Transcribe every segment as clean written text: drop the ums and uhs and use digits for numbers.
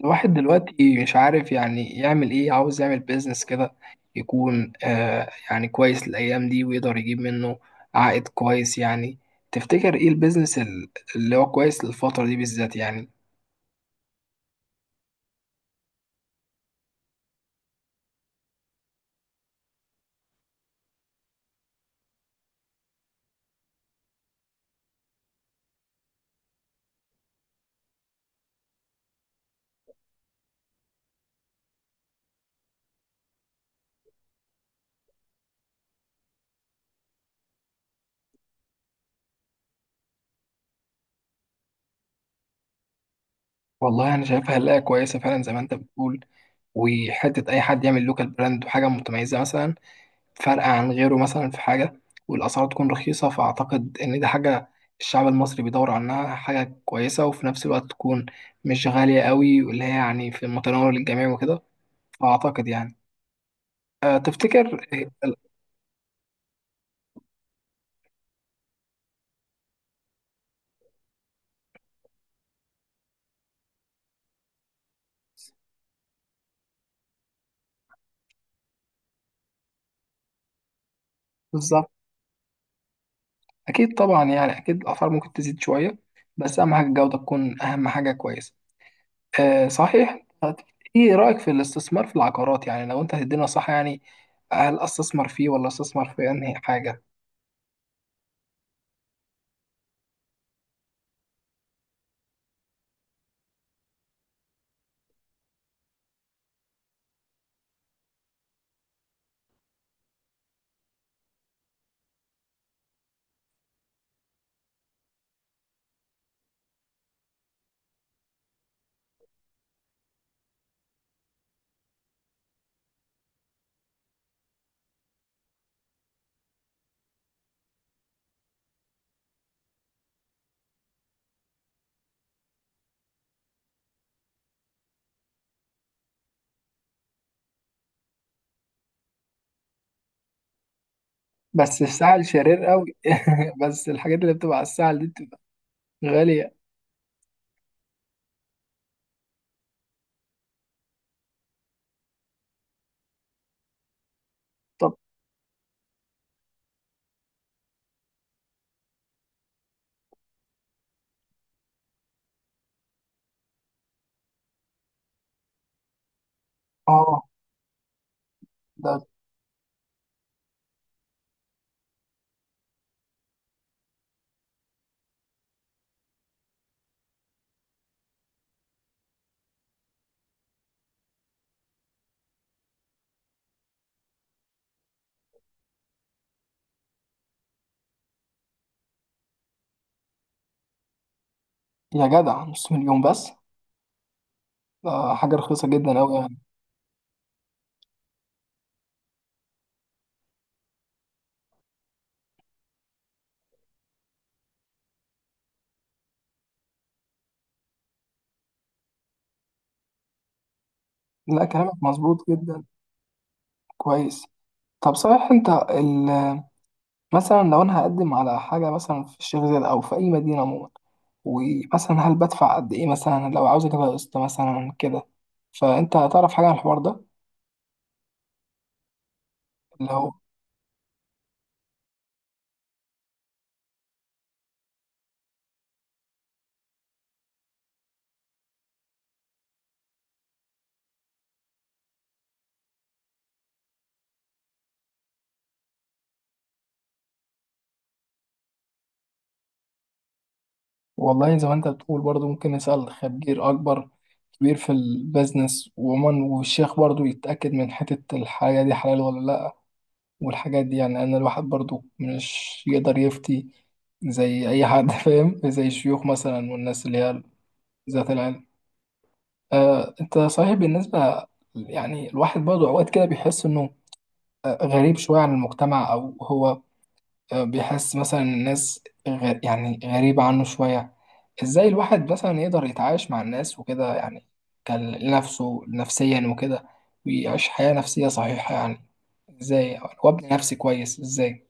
الواحد دلوقتي مش عارف يعني يعمل ايه. عاوز يعمل بيزنس كده يكون يعني كويس الايام دي، ويقدر يجيب منه عائد كويس يعني. تفتكر ايه البيزنس اللي هو كويس للفترة دي بالذات يعني؟ والله انا شايفها هلاقي كويسة فعلا زي ما انت بتقول، وحتة اي حد يعمل لوكال براند وحاجة متميزة مثلا، فرق عن غيره مثلا في حاجة، والأسعار تكون رخيصة. فأعتقد إن دي حاجة الشعب المصري بيدور عنها، حاجة كويسة وفي نفس الوقت تكون مش غالية قوي، واللي هي يعني في المتناول للجميع وكده. فأعتقد يعني. أه، تفتكر إيه بالظبط. أكيد طبعا يعني، أكيد الأسعار ممكن تزيد شوية، بس أهم حاجة الجودة تكون أهم حاجة كويسة. أه صحيح. طب إيه رأيك في الاستثمار في العقارات يعني؟ لو أنت هتدينا صح يعني، هل أستثمر فيه ولا أستثمر في أنهي حاجة؟ بس السعل شرير قوي بس الحاجات اللي بتبقى على السعل دي بتبقى غالية. طب، اه. ده يا جدع، نص مليون بس؟ ده حاجة رخيصة جدا قوي يعني. لا، كلامك مظبوط جدا. كويس. طب صحيح انت ال... مثلا لو انا هقدم على حاجة مثلا في الشيخ زايد او في اي مدينة عموما، ومثلا هل بدفع قد ايه مثلا لو عاوز اجيبها قسط مثلا كده؟ فانت هتعرف حاجة عن الحوار ده، اللي هو... والله زي ما انت بتقول، برضو ممكن نسأل خبير أكبر، كبير في البيزنس وعموما، والشيخ برضو يتأكد من حتة الحاجة دي حلال ولا لأ، والحاجات دي يعني. أنا الواحد برضو مش يقدر يفتي زي أي حد فاهم، زي الشيوخ مثلا والناس اللي هي ذات العلم. آه أنت صحيح. بالنسبة يعني الواحد برضو أوقات كده بيحس إنه غريب شوية عن المجتمع، أو هو بيحس مثلا الناس يعني غريبة عنه شوية. ازاي الواحد مثلا يقدر يتعايش مع الناس وكده يعني، كان لنفسه نفسيا وكده، ويعيش حياة نفسية صحيحة يعني؟ ازاي وابني نفسي كويس ازاي؟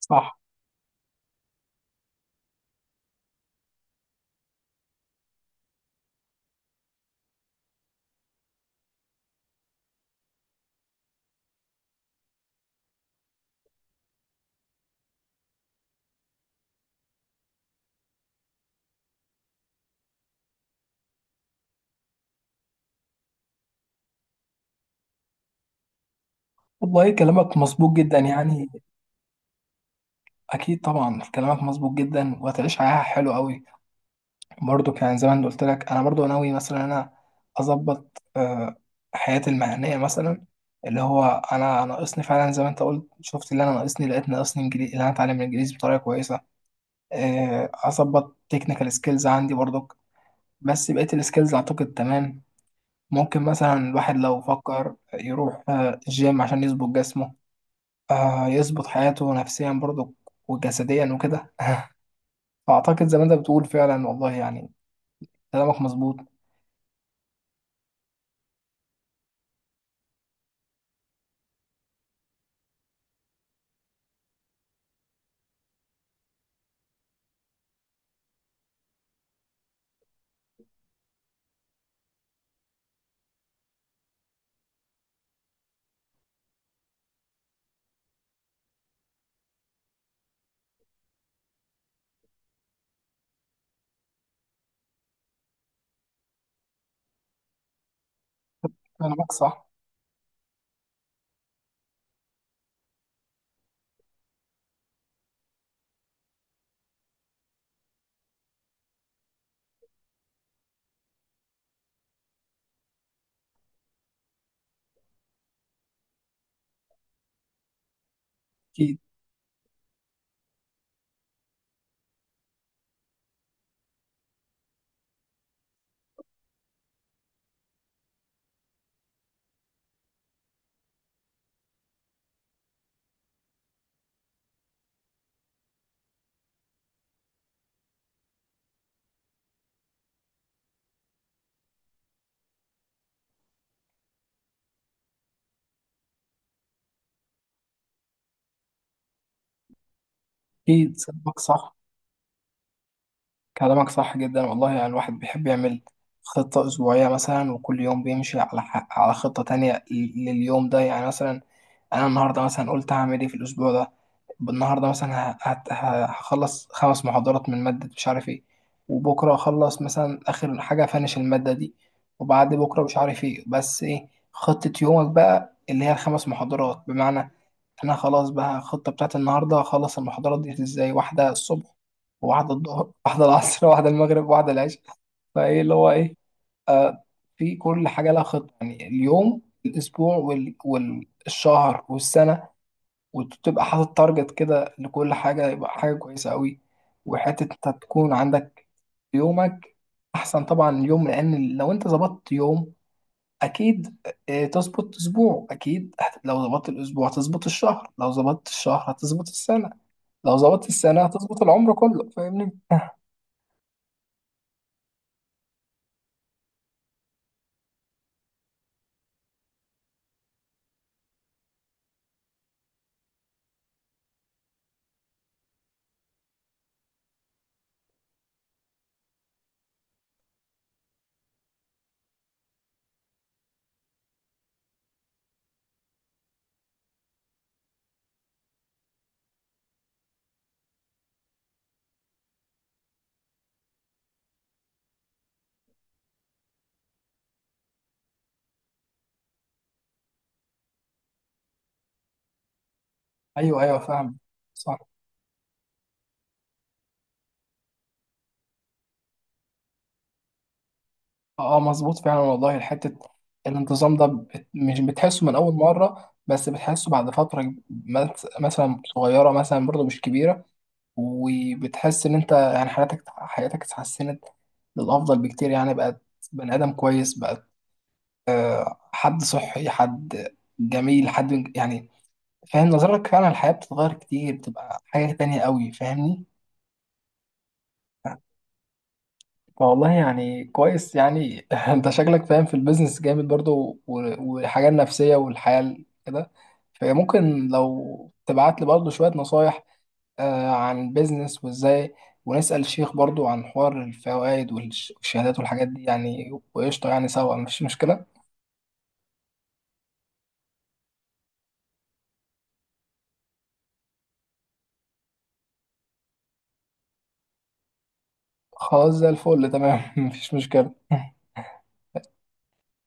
صح. والله كلامك مظبوط جدا يعني. اكيد طبعا كلامك مظبوط جدا، وهتعيش حياه حلوه قوي. برضو كان زمان ما أنا قلت لك انا برضو ناوي مثلا، انا اظبط حياتي المهنيه مثلا، اللي هو انا ناقصني فعلا زي ما انت قلت. شفت اللي انا ناقصني، لقيت ناقصني انجليزي، اللي انا اتعلم الانجليزي بطريقه كويسه. اظبط تكنيكال سكيلز عندي برضك، بس بقية السكيلز اعتقد تمام. ممكن مثلا الواحد لو فكر يروح الجيم عشان يظبط جسمه، يظبط حياته نفسيا برضك وجسديا وكده. فاعتقد زي ما انت بتقول فعلا، والله يعني كلامك مظبوط. كلامك صح. اكيد. اكيد كلامك صح. كلامك صح جدا والله يعني. الواحد بيحب يعمل خطة أسبوعية مثلا، وكل يوم بيمشي على على خطة تانية لليوم ده يعني. مثلا انا النهارده مثلا قلت هعمل ايه في الاسبوع ده. النهارده مثلا هخلص خمس محاضرات من ماده مش عارف ايه، وبكره اخلص مثلا اخر حاجه فانش الماده دي، وبعد بكره مش عارف ايه. بس ايه خطه يومك بقى اللي هي الخمس محاضرات؟ بمعنى انا خلاص بقى الخطه بتاعت النهارده هخلص المحاضرات دي ازاي: واحده الصبح، وواحده الظهر، واحده العصر، واحده المغرب، واحده العشاء. فايه اللي هو ايه؟ آه، في كل حاجة لها خطة يعني، اليوم، الأسبوع والشهر والسنة، وتبقى حاطط تارجت كده لكل حاجة، يبقى حاجة كويسة قوي. وحتة انت تكون عندك يومك. أحسن طبعا اليوم، لأن لو أنت ظبطت يوم أكيد تظبط أسبوع أكيد. لو ظبطت الأسبوع هتظبط الشهر، لو ظبطت الشهر هتظبط السنة، لو ظبطت السنة هتظبط العمر كله. فاهمني؟ أيوه، أيوه، فاهم. صح. اه مظبوط فعلا والله. حتة الانتظام ده مش بتحسه من أول مرة، بس بتحسه بعد فترة مثلا صغيرة، مثلا برضه مش كبيرة. وبتحس إن أنت يعني حياتك، حياتك اتحسنت للأفضل بكتير يعني. بقت بني آدم كويس، بقت حد صحي، حد جميل، حد يعني فاهم نظرتك. فعلا الحياة بتتغير كتير، بتبقى حاجة تانية قوي. فاهمني؟ والله يعني كويس يعني. انت شكلك فاهم في البيزنس جامد برضو والحاجة النفسية والحياة كده. فممكن لو تبعت لي برضو شوية نصايح عن البيزنس وازاي، ونسأل الشيخ برضو عن حوار الفوائد والشهادات والحاجات دي يعني. وقشطة يعني، سوا مفيش مشكلة. خلاص، زي الفل، تمام. مفيش مشكلة.